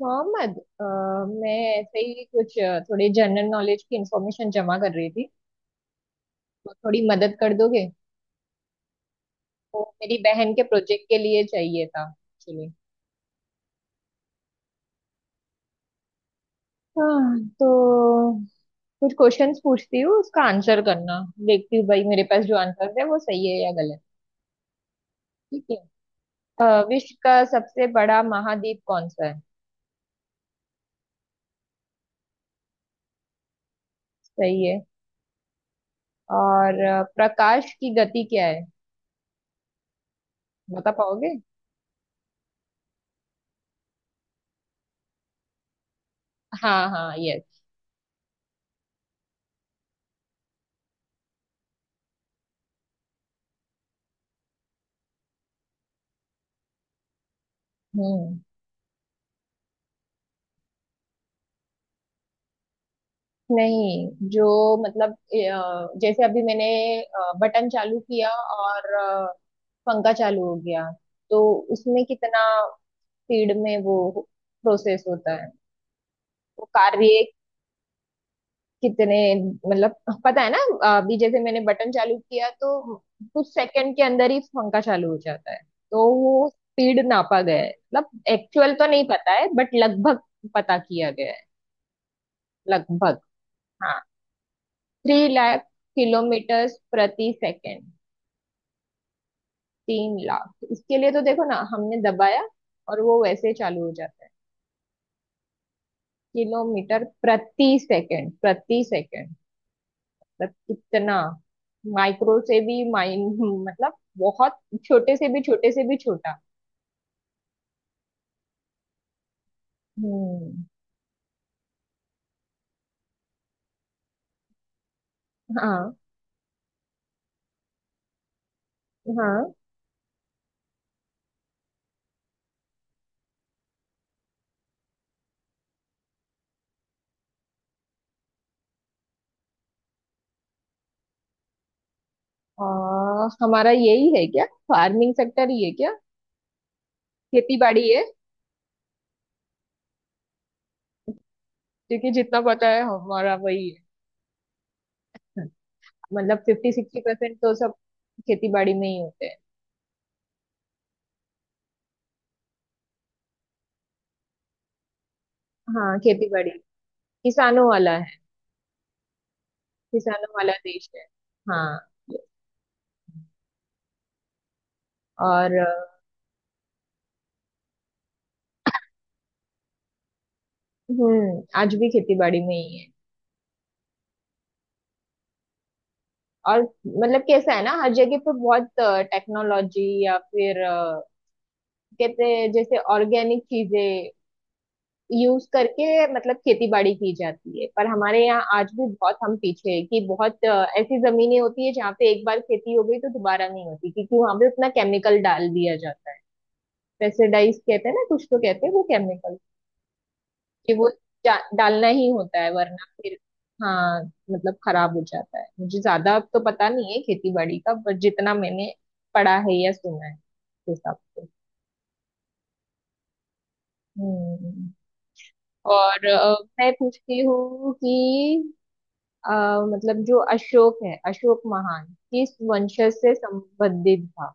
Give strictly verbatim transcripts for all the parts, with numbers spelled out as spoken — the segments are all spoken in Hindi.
मोहम्मद। अ, मैं ऐसे ही कुछ अ, थोड़ी जनरल नॉलेज की इंफॉर्मेशन जमा कर रही थी, तो थोड़ी मदद कर दोगे? वो मेरी बहन के प्रोजेक्ट के लिए चाहिए था, एक्चुअली। हाँ, तो कुछ क्वेश्चंस पूछती हूँ, उसका आंसर करना। देखती हूँ भाई, मेरे पास जो आंसर है वो सही है या गलत। ठीक है। अ, विश्व का सबसे बड़ा महाद्वीप कौन सा है? सही है। और अ, प्रकाश की गति क्या है? बता पाओगे? हाँ हाँ, यस। हम्म। नहीं, जो मतलब अ, जैसे अभी मैंने बटन चालू किया और अ, पंखा चालू हो गया, तो उसमें कितना स्पीड में वो प्रोसेस होता है, वो कार्य कितने, मतलब पता है ना? अभी जैसे मैंने बटन चालू किया तो कुछ सेकंड के अंदर ही पंखा चालू हो जाता है। तो वो स्पीड नापा गया है, मतलब एक्चुअल तो नहीं पता है बट लगभग पता किया गया है। लगभग, हाँ। थ्री लाख किलोमीटर प्रति सेकेंड। तीन लाख, इसके लिए तो देखो ना, हमने दबाया और वो वैसे ही चालू हो जाता है। किलोमीटर प्रति सेकंड प्रति सेकंड, मतलब कितना माइक्रो से भी माइन मतलब बहुत छोटे से भी छोटे से भी छोटा। हम्म। हाँ हाँ। और हमारा यही है क्या? फार्मिंग सेक्टर ही है क्या? खेती बाड़ी है। क्योंकि जितना पता है हमारा वही है, मतलब फिफ्टी सिक्सटी परसेंट तो सब खेती बाड़ी में ही होते हैं। हाँ, खेती बाड़ी। किसानों वाला है, किसानों वाला देश है। हाँ। ये- और अ, हम्म, आज भी खेती बाड़ी में ही है। और मतलब कैसा है ना, हर जगह पे बहुत टेक्नोलॉजी या फिर अ, कहते हैं जैसे ऑर्गेनिक चीजें यूज करके, मतलब खेती बाड़ी की जाती है, पर हमारे यहाँ आज भी बहुत हम पीछे हैं। कि बहुत अ, ऐसी जमीनें होती है जहाँ पे एक बार खेती हो गई तो दोबारा नहीं होती, क्योंकि वहां पे उतना केमिकल डाल दिया जाता है। पेस्टिसाइड्स कहते हैं ना कुछ, तो कहते हैं वो केमिकल, कि वो जा- डालना ही होता है वरना फिर हाँ मतलब खराब हो जाता है। मुझे ज्यादा अब तो पता नहीं है खेती बाड़ी का, पर जितना मैंने पढ़ा है या सुना है उस हिसाब से। हम्म। और अ, मैं पूछती हूँ कि अ, मतलब जो अशोक है, अशोक महान, किस वंशज से संबंधित था?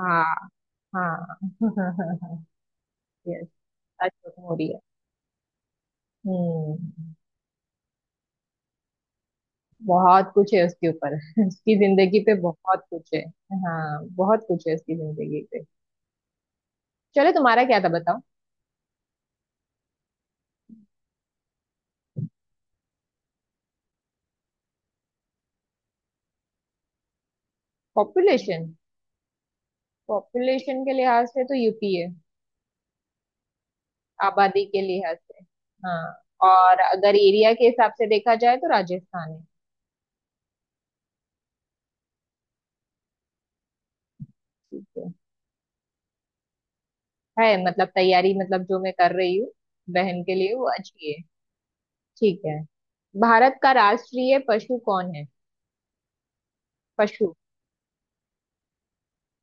हाँ हाँ। यस, अशोक मौर्य। हम्म। बहुत कुछ है उसके ऊपर उसकी जिंदगी पे बहुत कुछ है। हाँ, बहुत कुछ है उसकी जिंदगी पे। चलो, तुम्हारा क्या था, बताओ। पॉपुलेशन? पॉपुलेशन के लिहाज से तो यू पी है, आबादी के लिहाज से। हाँ। और अगर एरिया के हिसाब से देखा जाए तो राजस्थान है। ठीक है है मतलब तैयारी, मतलब जो मैं कर रही हूँ बहन के लिए वो अच्छी है। ठीक है। भारत का राष्ट्रीय पशु कौन है? पशु।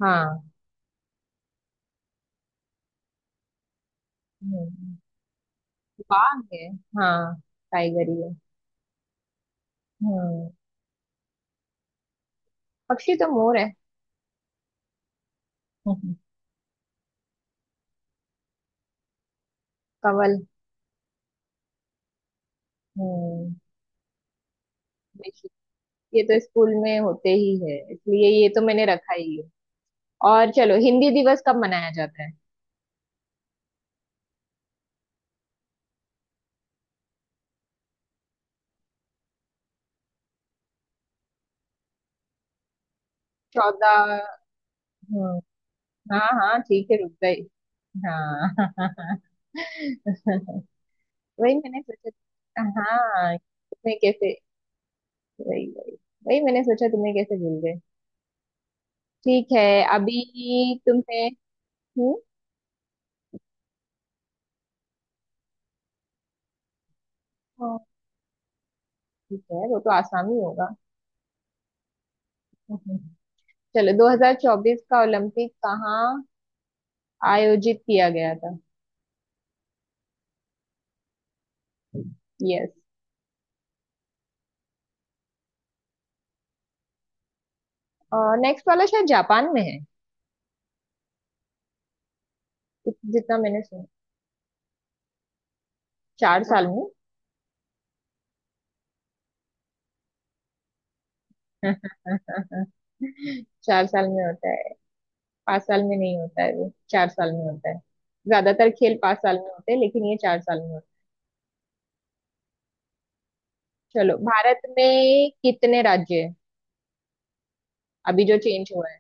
हाँ। हम्म, बाघ है। हाँ, टाइगर ही है। हम्म। पक्षी तो मोर है। हम्म। कवल। हम्म। बेशक। ये तो स्कूल में होते ही है, इसलिए ये तो मैंने रखा ही है। और चलो, हिंदी दिवस कब मनाया जाता है? चौदह। हम्म। हाँ हाँ ठीक है, रुक गई। हाँ। वही मैंने सोचा, हाँ तुम्हें कैसे, वही वही, वही मैंने सोचा तुम्हें कैसे भूल गए। ठीक है। अभी तुम्हें। हम्म। हाँ, ठीक है वो तो आसानी होगा। हम्म। चलो, दो हज़ार चौबीस का ओलंपिक कहाँ आयोजित किया गया था? यस। नेक्स्ट वाला शायद जापान में है। इत- जितना मैंने सुना। चार साल में। चार साल में होता है, पांच साल में नहीं होता है, वो चार साल में होता है। ज्यादातर खेल पांच साल में होते हैं, लेकिन ये चार साल में होता है। चलो, भारत में कितने राज्य है, अभी जो चेंज हुआ है?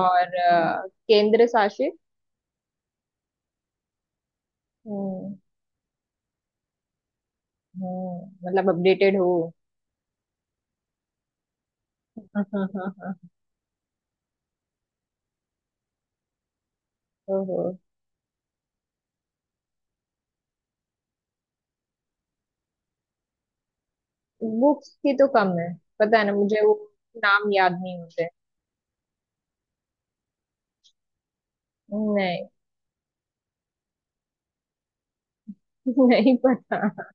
और अ, केंद्र शासित। हम्म। हम्म, मतलब अपडेटेड हो। ओहो। बुक्स की तो कम है, पता है ना मुझे वो नाम याद नहीं होते। नहीं। नहीं पता।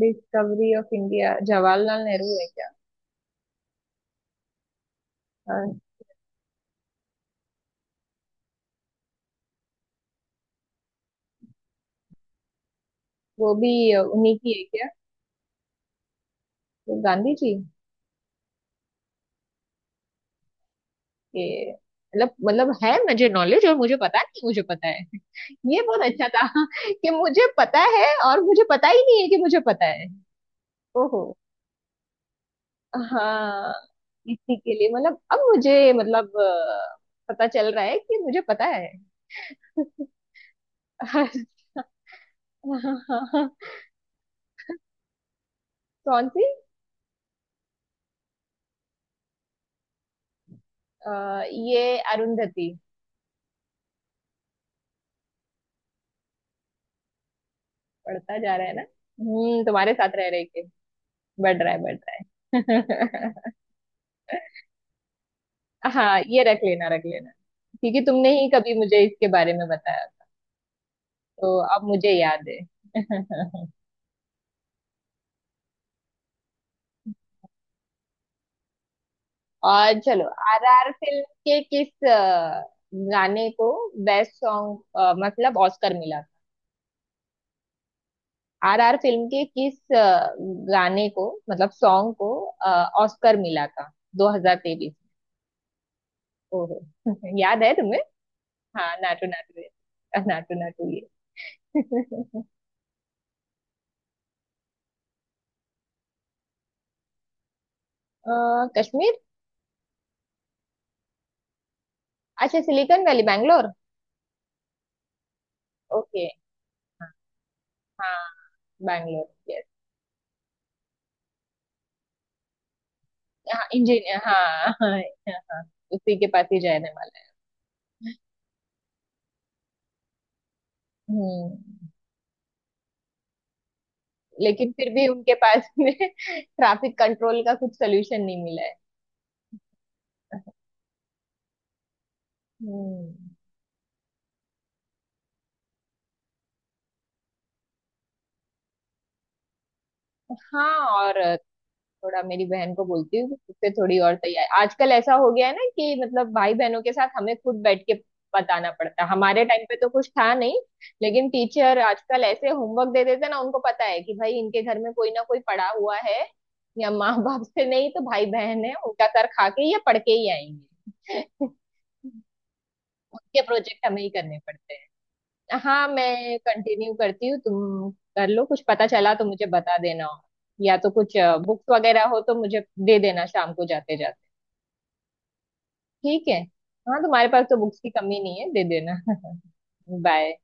Discovery of India Jawaharlal Nehru है क्या? हाँ। वो भी उन्हीं की है क्या? वो गांधी जी के मतलब मतलब है मुझे नॉलेज और मुझे पता नहीं मुझे पता है। ये बहुत अच्छा था कि मुझे पता है और मुझे पता ही नहीं है कि मुझे पता है। ओहो। हाँ, इसी के लिए मतलब अब मुझे मतलब अ, पता चल रहा है कि मुझे पता है। कौन सी? अ, ये अरुंधति। बढ़ता जा रहा है ना, हम्म, तुम्हारे साथ रह रहे के बढ़ रहा है बढ़ रहा है। हाँ, ये रख लेना रख लेना, क्योंकि तुमने ही कभी मुझे इसके बारे में बताया तो अब मुझे याद है। और चलो, आर आर फिल्म के किस अ, गाने को बेस्ट सॉन्ग मतलब ऑस्कर मिला था? आर आर फिल्म के किस अ, गाने को मतलब सॉन्ग को ऑस्कर मिला था? दो हज़ार तेईस। ओहो। याद है तुम्हें? हाँ, नाटू नाटू है, नाटू नाटू ये। अ, कश्मीर? अच्छा, सिलिकॉन वैली बैंगलोर। ओके। हाँ, बैंगलोर यस। हाँ इंजीनियर, हाँ हाँ। हाँ, उसी के पास ही जाने वाला है। हम्म। लेकिन फिर भी उनके पास में ट्रैफिक कंट्रोल का कुछ सोल्यूशन नहीं मिला है। हम्म। हाँ, और थोड़ा मेरी बहन को बोलती हूँ कि उससे थोड़ी और तैयारी, आजकल ऐसा हो गया है ना कि मतलब भाई बहनों के साथ हमें खुद बैठ के बताना पड़ता है, हमारे टाइम पे तो कुछ था नहीं। लेकिन टीचर आजकल ऐसे होमवर्क दे देते हैं ना, उनको पता है कि भाई इनके घर में कोई ना कोई पड़ा हुआ है, या माँ बाप से नहीं तो भाई बहन है, उनका सर खा के या पढ़ के ही आएंगे। उनके प्रोजेक्ट हमें ही करने पड़ते हैं। हाँ, मैं कंटिन्यू करती हूँ, तुम कर लो, कुछ पता चला तो मुझे बता देना। या तो कुछ बुक्स वगैरह हो तो मुझे दे देना शाम को जाते जाते। ठीक है। हाँ, तुम्हारे पास तो बुक्स की कमी नहीं है, दे देना। बाय।